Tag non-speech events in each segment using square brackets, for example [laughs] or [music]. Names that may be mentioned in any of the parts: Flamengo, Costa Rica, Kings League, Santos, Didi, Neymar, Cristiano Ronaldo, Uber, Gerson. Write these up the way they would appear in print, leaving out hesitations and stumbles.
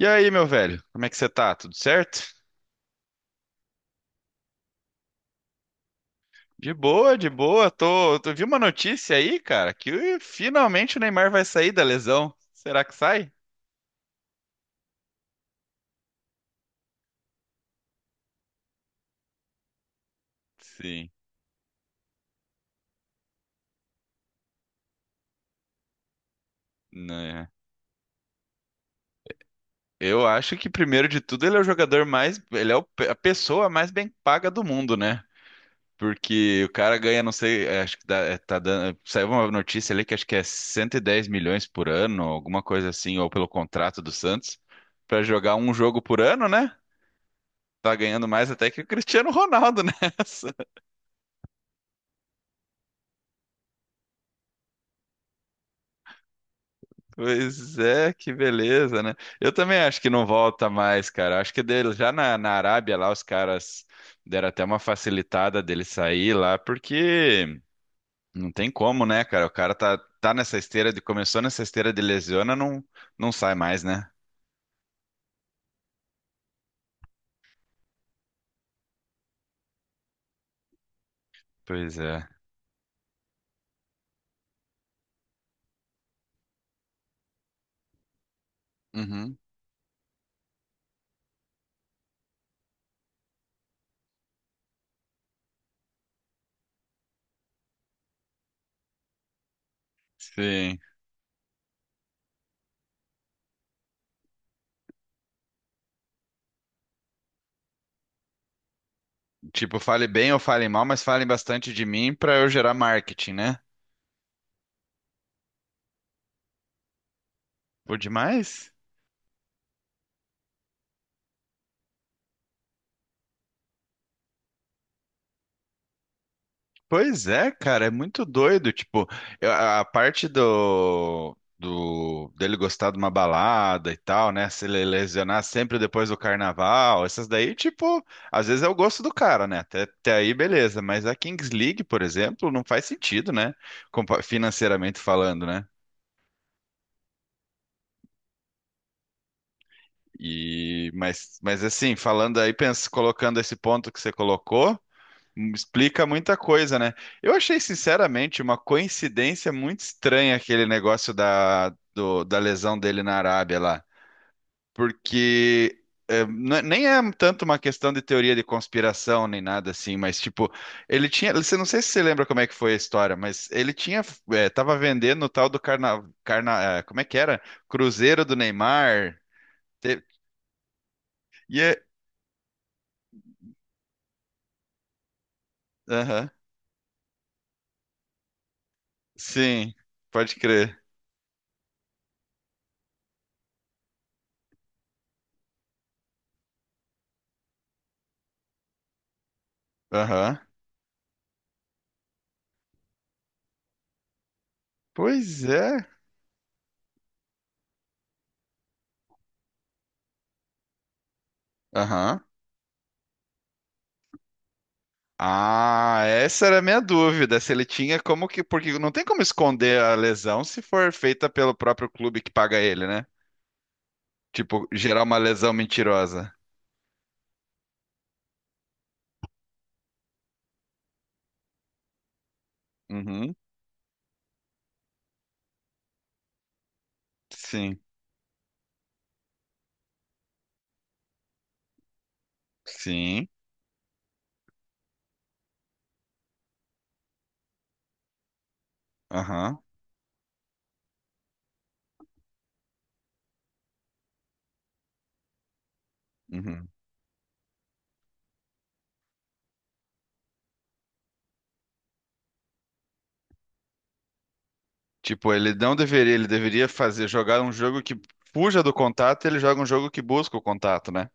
E aí, meu velho, como é que você tá? Tudo certo? De boa, de boa. Vi uma notícia aí, cara, que finalmente o Neymar vai sair da lesão. Será que sai? Sim, né? Eu acho que primeiro de tudo ele é o jogador mais, ele é o a pessoa mais bem paga do mundo, né? Porque o cara ganha, não sei, acho que dá, tá dando, saiu uma notícia ali que acho que é 110 milhões por ano, alguma coisa assim, ou pelo contrato do Santos, pra jogar um jogo por ano, né? Tá ganhando mais até que o Cristiano Ronaldo nessa. [laughs] Pois é, que beleza, né? Eu também acho que não volta mais, cara. Acho que dele, já na Arábia lá, os caras deram até uma facilitada dele sair lá, porque não tem como, né, cara? O cara tá nessa esteira de, começou nessa esteira de lesiona, não, não sai mais, né? Pois é. Uhum. Sim. Tipo, fale bem ou fale mal, mas falem bastante de mim pra eu gerar marketing, né? Por demais? Pois é, cara, é muito doido. Tipo, a parte do dele gostar de uma balada e tal, né? Se ele lesionar sempre depois do carnaval, essas daí, tipo, às vezes é o gosto do cara, né? Até aí, beleza. Mas a Kings League, por exemplo, não faz sentido, né? Financeiramente falando, né? Mas assim, falando aí, pensa, colocando esse ponto que você colocou. Explica muita coisa, né? Eu achei, sinceramente, uma coincidência muito estranha aquele negócio da lesão dele na Arábia lá. Porque nem é tanto uma questão de teoria de conspiração nem nada assim, mas tipo, ele tinha. Você não sei se você lembra como é que foi a história, mas ele tinha. Tava vendendo o tal do como é que era? Cruzeiro do Neymar. Te- e é- Aham. Sim, pode crer. Aham. Pois é. Aham. Ah, essa era a minha dúvida, se ele tinha como que, porque não tem como esconder a lesão se for feita pelo próprio clube que paga ele, né? Tipo, gerar uma lesão mentirosa. Uhum. Sim. Sim. Aham. Uhum. Tipo, ele não deveria, ele deveria fazer jogar um jogo que fuja do contato, ele joga um jogo que busca o contato, né?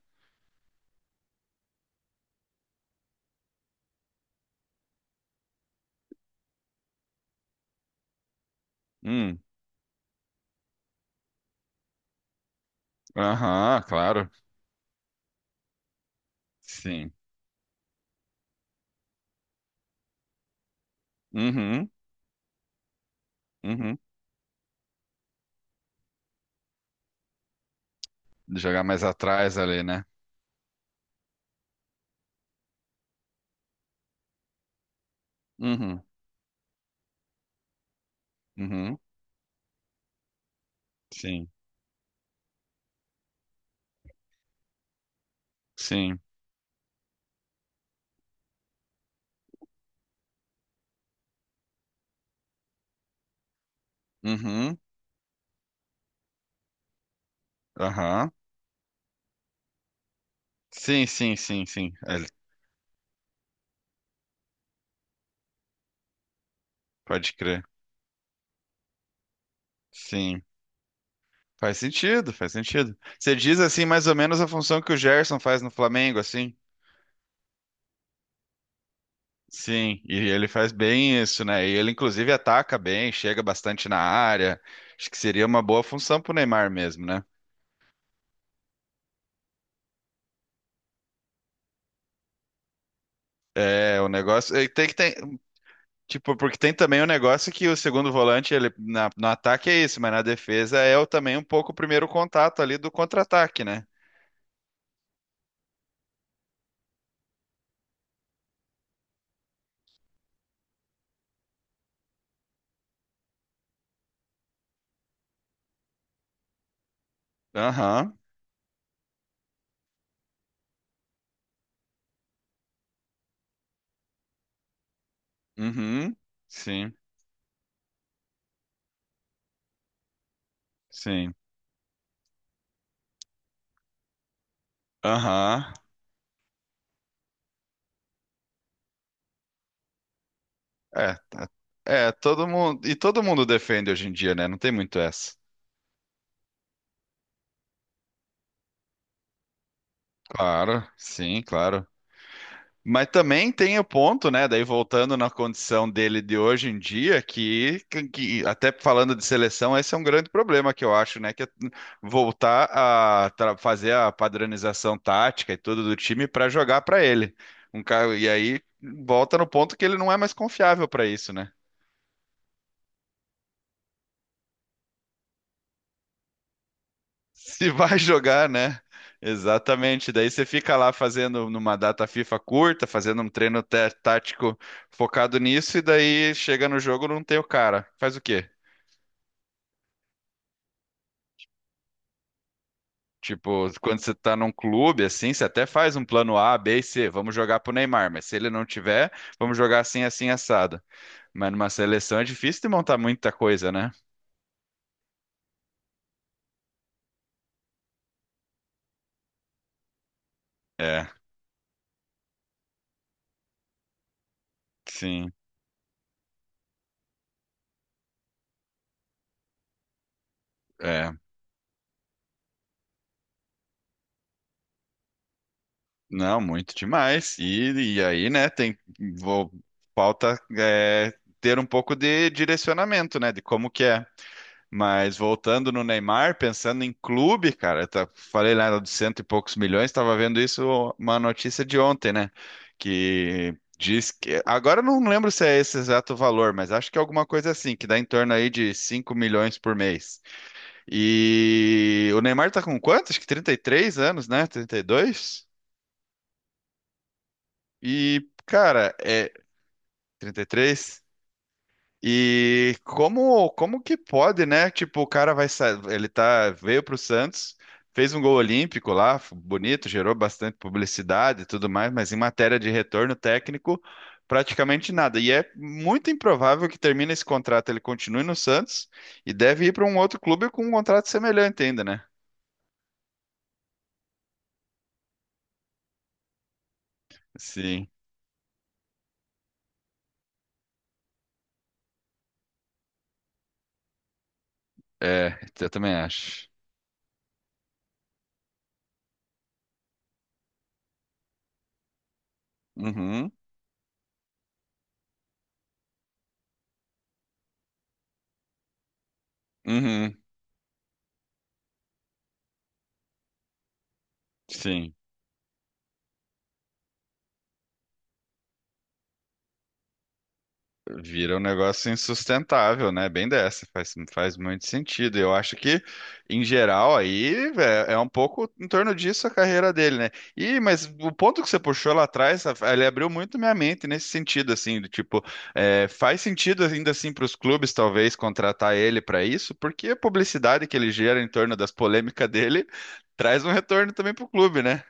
Hum. Aham, claro. Sim. Uhum. Uhum. Jogar mais atrás ali, né? Uhum. Uhum. Sim. Sim. Uhum. Aham. Sim, sim, sim, sim. Pode crer. Sim. Faz sentido, faz sentido. Você diz assim mais ou menos a função que o Gerson faz no Flamengo, assim? Sim, e ele faz bem isso, né? E ele inclusive ataca bem, chega bastante na área. Acho que seria uma boa função pro Neymar mesmo, né? É, o negócio é, tem que tem, tipo, porque tem também o negócio que o segundo volante, ele no ataque é isso, mas na defesa é o, também um pouco o primeiro contato ali do contra-ataque, né? Aham. Uhum. Sim. Sim. Aham. É, tá- todo mundo. E todo mundo defende hoje em dia, né? Não tem muito essa. Claro, sim, claro. Mas também tem o ponto, né? Daí voltando na condição dele de hoje em dia, que até falando de seleção, esse é um grande problema que eu acho, né? Que é voltar a fazer a padronização tática e tudo do time para jogar para ele. Um cara, e aí volta no ponto que ele não é mais confiável para isso, né? Se vai jogar, né? Exatamente. Daí você fica lá fazendo numa data FIFA curta, fazendo um treino tático focado nisso, e daí chega no jogo não tem o cara. Faz o quê? Tipo, quando você tá num clube assim, você até faz um plano A, B e C, vamos jogar pro Neymar, mas se ele não tiver, vamos jogar assim, assim, assado. Mas numa seleção é difícil de montar muita coisa, né? É, sim. É. Não, muito demais. E aí, né, tem, vou, falta ter um pouco de direcionamento, né, de como que é. Mas voltando no Neymar, pensando em clube, cara, falei lá de cento e poucos milhões, estava vendo isso, uma notícia de ontem, né, que diz que, agora eu não lembro se é esse exato valor, mas acho que é alguma coisa assim, que dá em torno aí de 5 milhões por mês. E o Neymar tá com quanto? Acho que 33 anos, né, 32? E, cara, é 33. E três. E como que pode, né? Tipo, o cara ele tá veio pro Santos, fez um gol olímpico lá, bonito, gerou bastante publicidade e tudo mais, mas em matéria de retorno técnico, praticamente nada. E é muito improvável que termine esse contrato, ele continue no Santos e deve ir para um outro clube com um contrato semelhante ainda, né? Sim. É, eu também acho. Uhum. Uhum. Sim. Vira um negócio insustentável, né? Bem dessa, faz muito sentido. Eu acho que, em geral, aí é um pouco em torno disso a carreira dele, né? Mas o ponto que você puxou lá atrás, ele abriu muito minha mente nesse sentido, assim, do tipo, faz sentido ainda assim para os clubes, talvez, contratar ele para isso, porque a publicidade que ele gera em torno das polêmicas dele [laughs] traz um retorno também para o clube, né?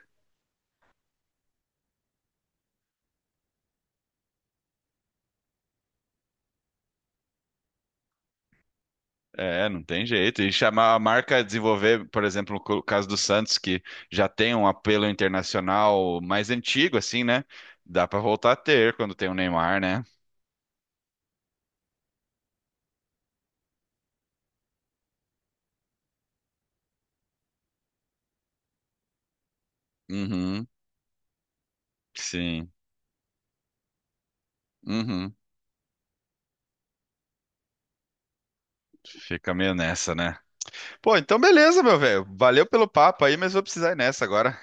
É, não tem jeito. E chamar a marca a desenvolver, por exemplo, o caso do Santos, que já tem um apelo internacional mais antigo, assim, né? Dá pra voltar a ter quando tem o Neymar, né? Uhum, sim. Uhum. Fica meio nessa, né? Pô, então beleza, meu velho. Valeu pelo papo aí, mas vou precisar ir nessa agora.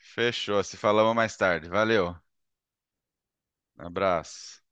Fechou. Se falamos mais tarde. Valeu. Abraço.